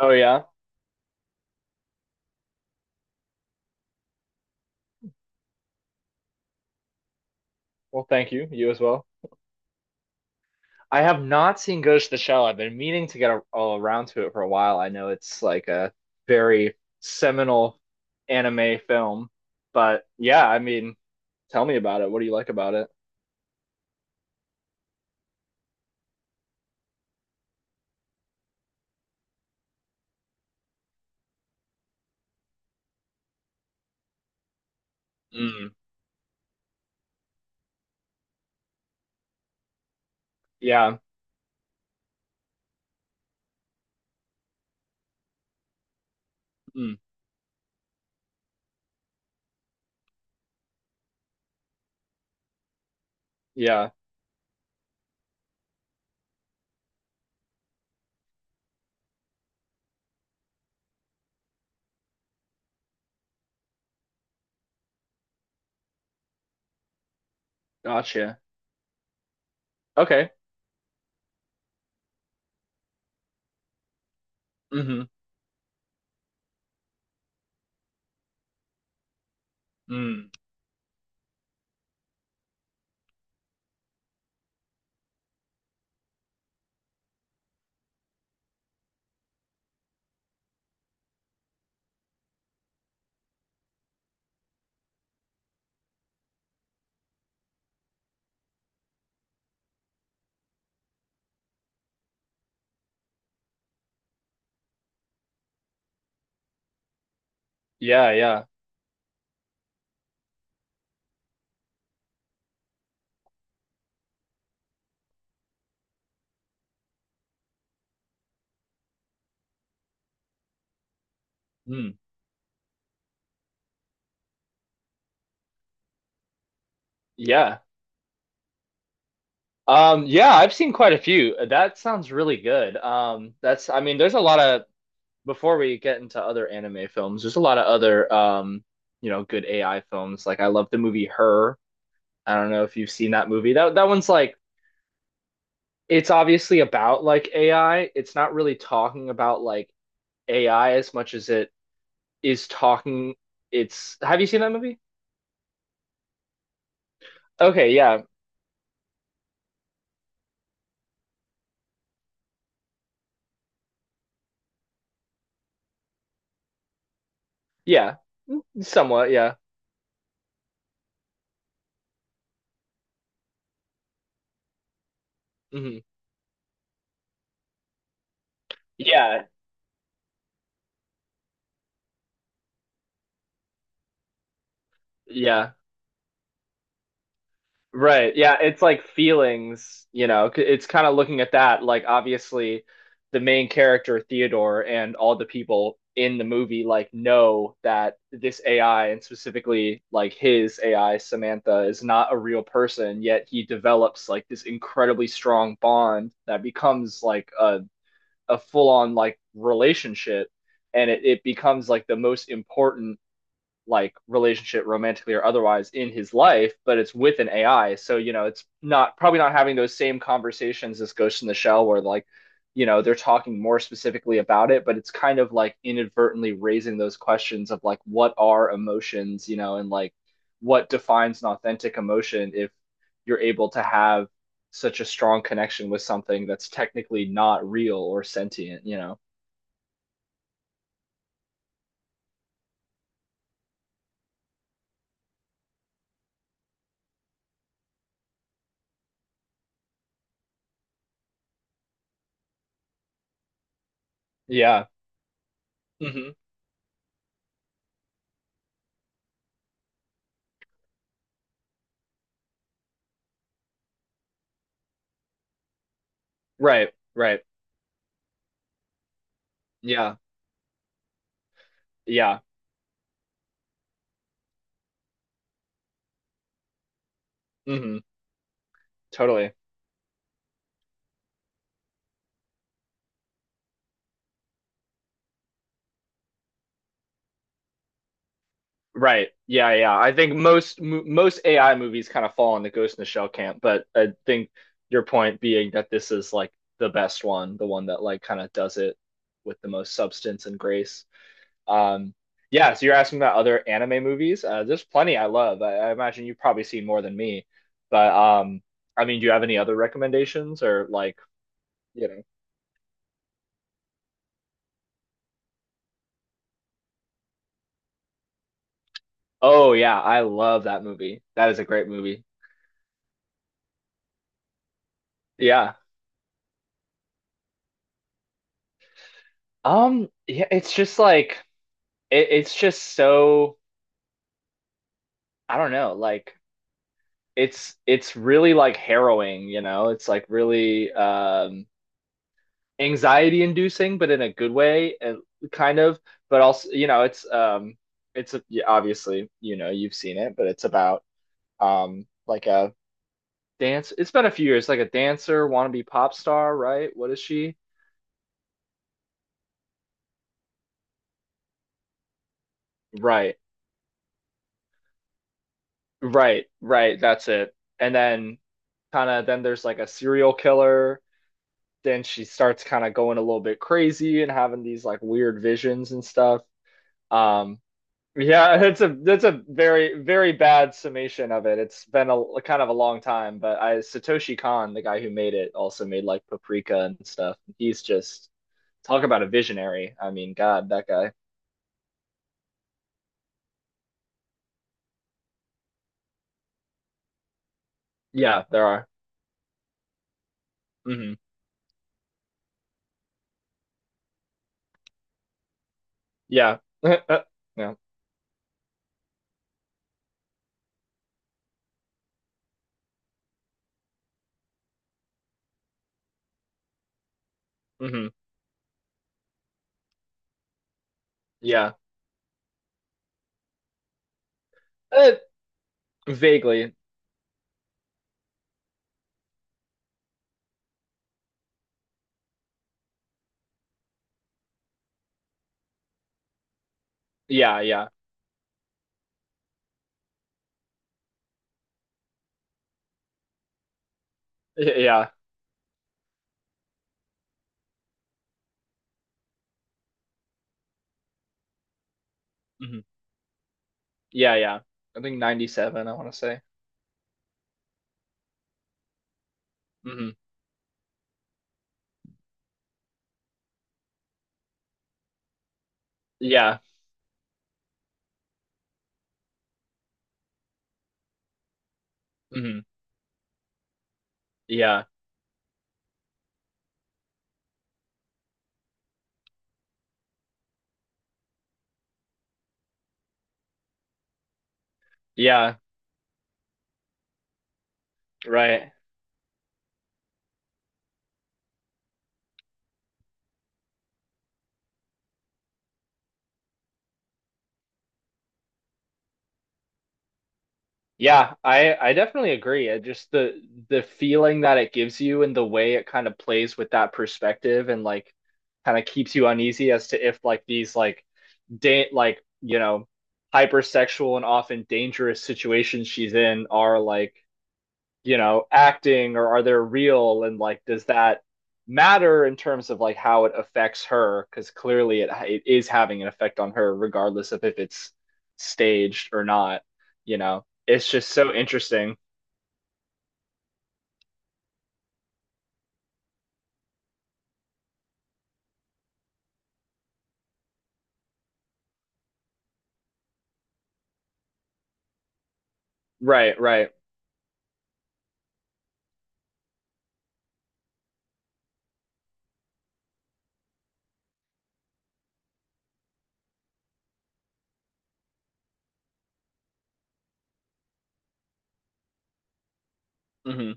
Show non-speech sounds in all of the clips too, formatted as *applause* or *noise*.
Oh yeah. Well, thank you. You as well. I have not seen Ghost of the Shell. I've been meaning to get all around to it for a while. I know it's like a very seminal anime film, but yeah, I mean, tell me about it. What do you like about it? Mm, yeah. Mm, yeah. Gotcha. Okay. Hmm. Mm, yeah, yeah. Mm, yeah. Yeah, I've seen quite a few. That sounds really good. That's, I mean, there's a lot of before we get into other anime films, there's a lot of other good AI films. Like I love the movie Her. I don't know if you've seen that movie. That one's like it's obviously about like AI. It's not really talking about like AI as much as it is talking it's have you seen that movie? Okay, yeah. Yeah. Somewhat, yeah. Hmm. Yeah. Yeah. Right. Yeah, it's like feelings, you know, it's kind of looking at that, like, obviously the main character Theodore and all the people in the movie like know that this AI, and specifically like his AI Samantha, is not a real person, yet he develops like this incredibly strong bond that becomes like a full-on like relationship, and it becomes like the most important like relationship romantically or otherwise in his life, but it's with an ai, so you know it's not probably not having those same conversations as Ghost in the Shell, where like you know they're talking more specifically about it, but it's kind of like inadvertently raising those questions of like what are emotions, you know, and like what defines an authentic emotion if you're able to have such a strong connection with something that's technically not real or sentient, you know? Yeah. Hmm. Right, right. Yeah, yeah. Hmm. Totally. Right. Yeah, yeah. I think most AI movies kind of fall in the Ghost in the Shell camp, but I think your point being that this is like the best one, the one that like kind of does it with the most substance and grace. Um, yeah, so you're asking about other anime movies. There's plenty I love. I imagine you've probably seen more than me. But I mean, do you have any other recommendations or like, you know? Oh yeah, I love that movie. That is a great movie. Yeah. Yeah, it's just like it's just so I don't know, like it's really like harrowing, you know. It's like really anxiety inducing, but in a good way, and kind of. But also, you know, it's a, yeah, obviously, you know, you've seen it, but it's about like a dance. It's been a few years, like a dancer, wannabe pop star, right? What is she? Right, right, right. That's it. And then kind of then there's like a serial killer, then she starts kind of going a little bit crazy and having these like weird visions and stuff. Um, yeah, *laughs* it's a that's a very very bad summation of it. It's been a kind of a long time, but I Satoshi Kon, the guy who made it, also made like Paprika and stuff. He's just talk about a visionary. I mean, God, that guy. Yeah, there are. Mm-hmm. Yeah, *laughs* yeah. Mm-hmm. Yeah, Eh, vaguely. Yeah, yeah, *laughs* yeah. Mm-hmm. Yeah, yeah. I think ninety seven. I want to say. Mm-hmm. Yeah. Hmm. Yeah. Yeah. Right. Yeah, I definitely agree. Just the feeling that it gives you and the way it kind of plays with that perspective and like kind of keeps you uneasy as to if like these like date like, you know, hypersexual and often dangerous situations she's in are like you know, acting, or are they real? And like, does that matter in terms of like how it affects her? Because clearly it is having an effect on her, regardless of if it's staged or not. You know, it's just so interesting. Right, right. Hmm.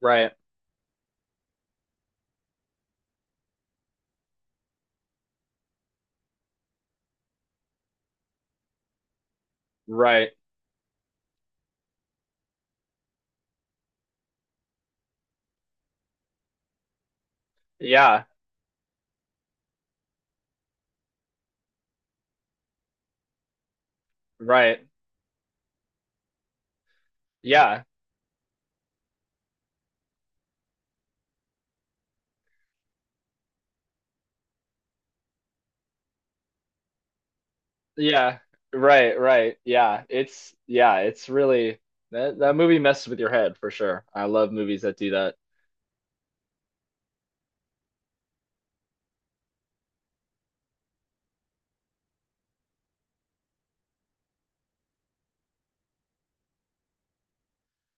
Right, right. Yeah, right. Yeah, yeah. Right, right. Yeah, it's really that that movie messes with your head for sure. I love movies that do that.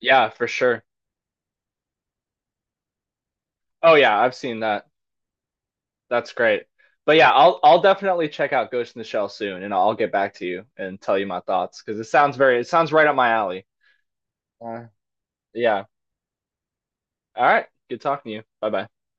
Yeah, for sure. Oh yeah, I've seen that. That's great. But yeah, I'll definitely check out Ghost in the Shell soon, and I'll get back to you and tell you my thoughts because it sounds very it sounds right up my alley. Uh, Yeah. All right. Good talking to you. Bye bye.